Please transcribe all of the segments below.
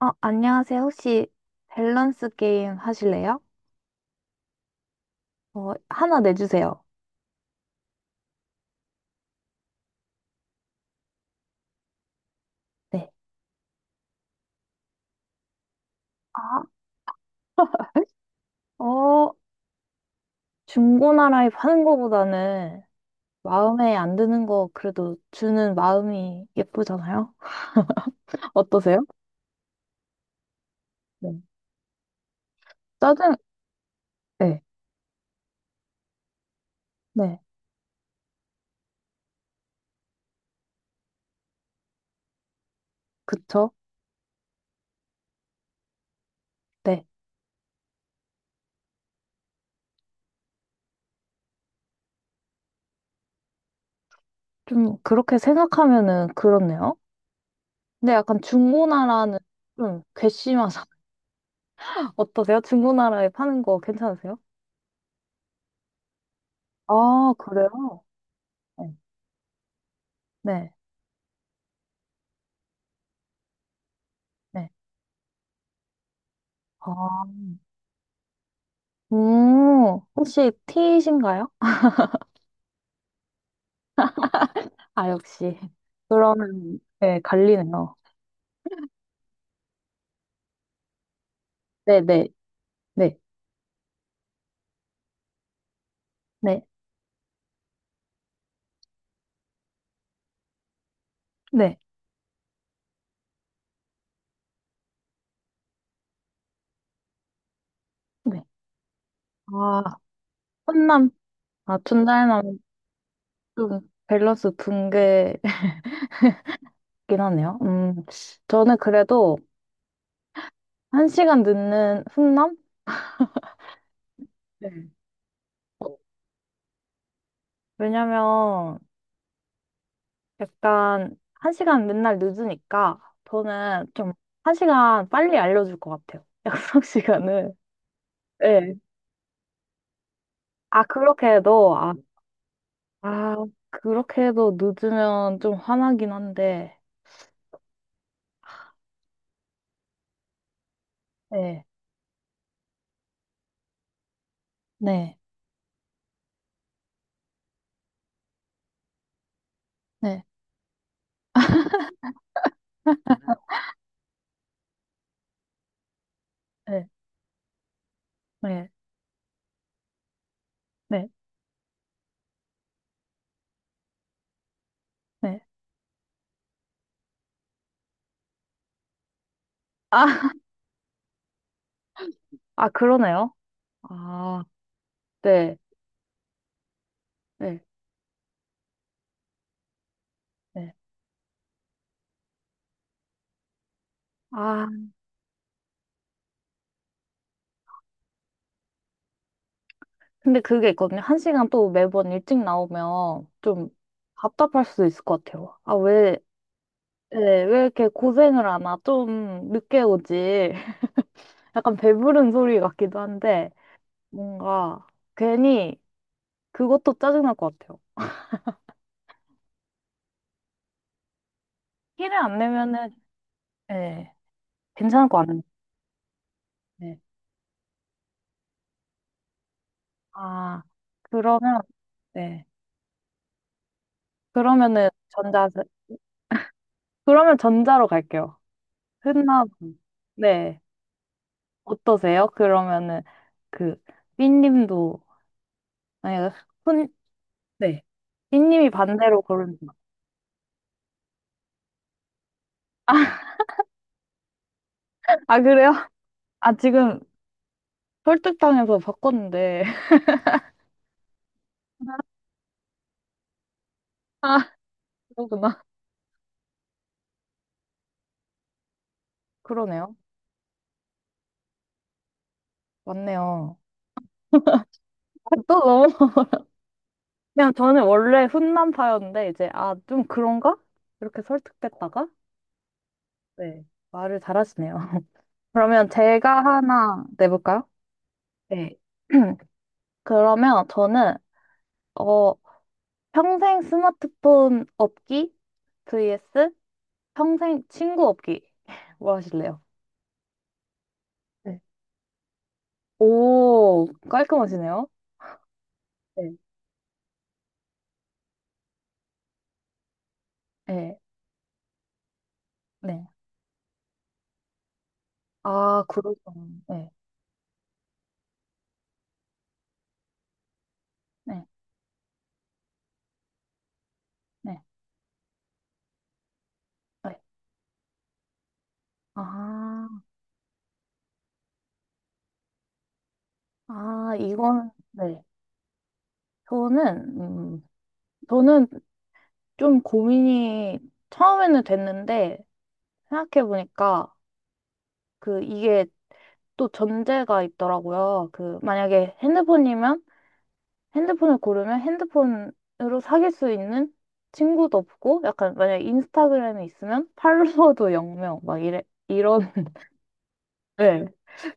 어, 안녕하세요. 혹시 밸런스 게임 하실래요? 어, 하나 내주세요. 네. 아, 어, 중고나라에 파는 거보다는 마음에 안 드는 거 그래도 주는 마음이 예쁘잖아요? 어떠세요? 네. 짜증, 네, 네, 그쵸? 네. 좀 그렇게 생각하면은 그렇네요. 근데 약간 중고나라는 좀 괘씸하잖아. 어떠세요? 중고나라에 파는 거 괜찮으세요? 아, 그래요? 네, 네, 네. 아. 혹시 T이신가요? 아, 역시. 그러면, 네, 갈리네요. 네, 네, 네, 네, 네, 네. 아, 혼남, 아, 둔달남, 좀 밸런스 붕괴긴 하네요. 저는 그래도 한 시간 늦는 훈남? 네. 왜냐면, 약간, 한 시간 맨날 늦으니까, 저는 좀, 한 시간 빨리 알려줄 것 같아요. 약속 시간을. 네. 아, 그렇게 해도, 아, 아, 그렇게 해도 늦으면 좀 화나긴 한데, 네, 네, 네, 네, 네, 네, 네. 아, 아, 그러네요. 아, 네, 네, 네. 아, 근데 그게 있거든요. 한 시간 또 매번 일찍 나오면 좀 답답할 수도 있을 것 같아요. 아, 왜, 네, 왜 이렇게 고생을 하나? 좀 늦게 오지. 약간 배부른 소리 같기도 한데, 뭔가 괜히 그것도 짜증날 것 같아요. 티를 안 내면은, 네. 괜찮을 것 같은데. 네. 아, 그러면, 네. 그러면은 전자, 그러면 전자로 갈게요. 흔한, 네. 어떠세요? 그러면은 그, 삐님도, 아니, 흔, 네. 삐님이 반대로 고른, 아, 아, 그래요? 아, 지금 설득당해서 바꿨는데. 아, 그러구나. 그러네요. 맞네요. 아, 또 너무, 그냥 저는 원래 훈남파였는데, 이제, 아, 좀 그런가? 이렇게 설득됐다가, 네. 말을 잘하시네요. 그러면 제가 하나 내볼까요? 네. 그러면 저는, 어, 평생 스마트폰 없기 vs 평생 친구 없기. 뭐 하실래요? 네. 오, 깔끔하시네요. 네. 네, 네. 아, 그러죠구나 네, 네, 네, 네. 아, 아, 이건, 네. 저는, 저는 좀 고민이 처음에는 됐는데, 생각해보니까, 그, 이게 또 전제가 있더라고요. 그, 만약에 핸드폰이면 핸드폰을 고르면 핸드폰으로 사귈 수 있는 친구도 없고, 약간 만약에 인스타그램이 있으면 팔로워도 0명, 막 이래, 이런, 네.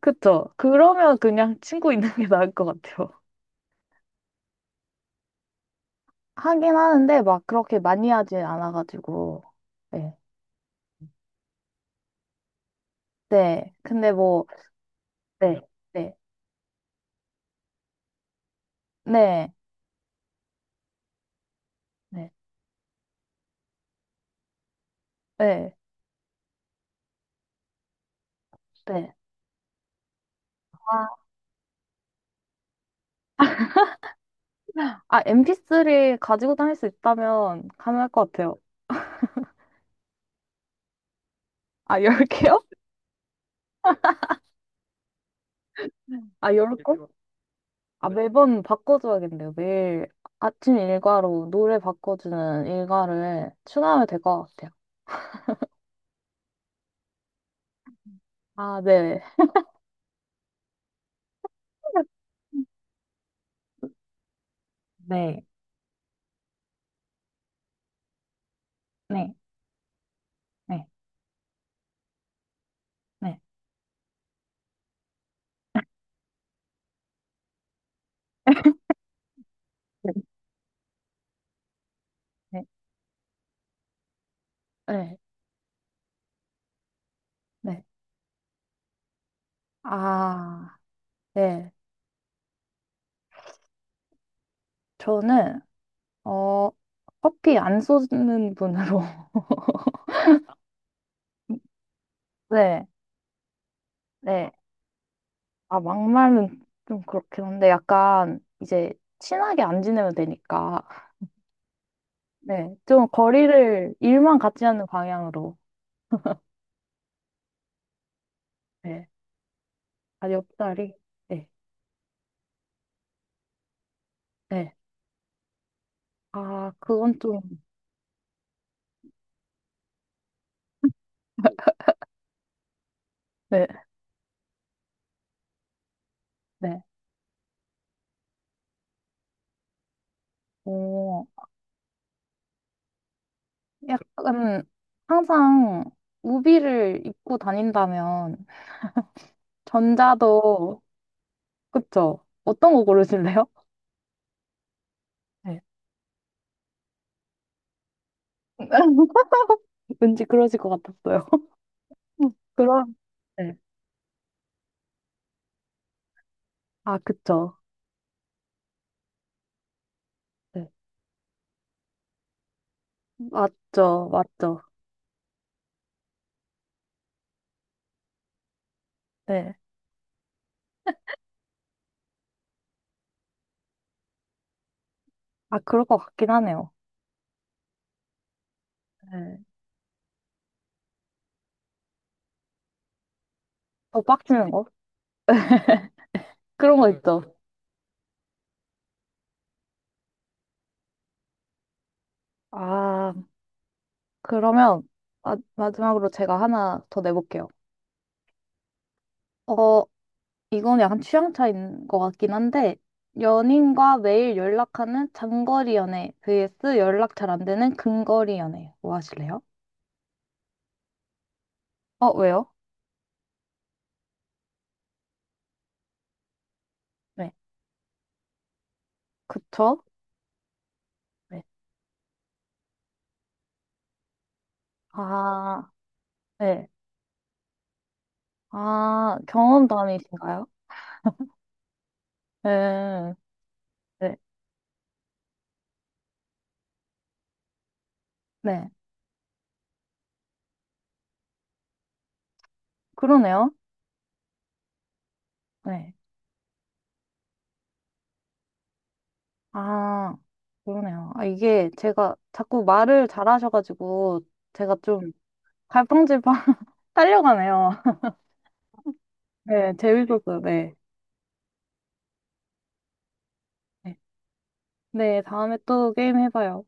그쵸. 그러면 그냥 친구 있는 게 나을 것 같아요. 하긴 하는데 막 그렇게 많이 하진 않아가지고. 네. 네. 근데 뭐, 네. 네. 네. 네. 네. 네. 아, 아, MP3 가지고 다닐 수 있다면 가능할 것 같아요. 아, 열개요 아, 열 네, 거 아, 네. 매번 바꿔줘야겠네요. 매일 아침 일과로 노래 바꿔주는 일과를 추가하면 될 것 같아요. 아, 네. 네, 네, 네, 네, 네. 네. 네. 네. 아, 네. 저는, 어, 커피 안 쏘는 분으로. 네, 네. 아, 막말은 좀 그렇긴 한데, 약간, 이제, 친하게 안 지내면 되니까. 네, 좀 거리를 일만 같이 하는 방향으로. 네, 아, 옆자리. 네, 네. 아, 그건 좀, 네, 네. 오, 약간 항상 우비를 입고 다닌다면 전자도 그쵸? 어떤 거 고르실래요? 네. 왠지 그러실 것 같았어요. 그럼, 네. 아, 그쵸. 네. 맞죠, 맞죠. 네. 아, 그럴 것 같긴 하네요. 네. 더 빡치는 거? 그런 거 있죠. 아, 그러면 마지막으로 제가 하나 더 내볼게요. 어, 이건 약간 취향 차이인 것 같긴 한데, 연인과 매일 연락하는 장거리 연애 vs 연락 잘 안 되는 근거리 연애. 뭐 하실래요? 어, 왜요? 네. 그쵸? 네. 아, 네. 아, 경험담이신가요? 네. 네. 네. 그러네요. 네. 아, 그러네요. 아, 이게 제가 자꾸 말을 잘하셔가지고, 제가 좀 갈팡질팡 살려가네요. 네, 재밌었어요. 네. 네, 네, 다음에 또 게임 해봐요.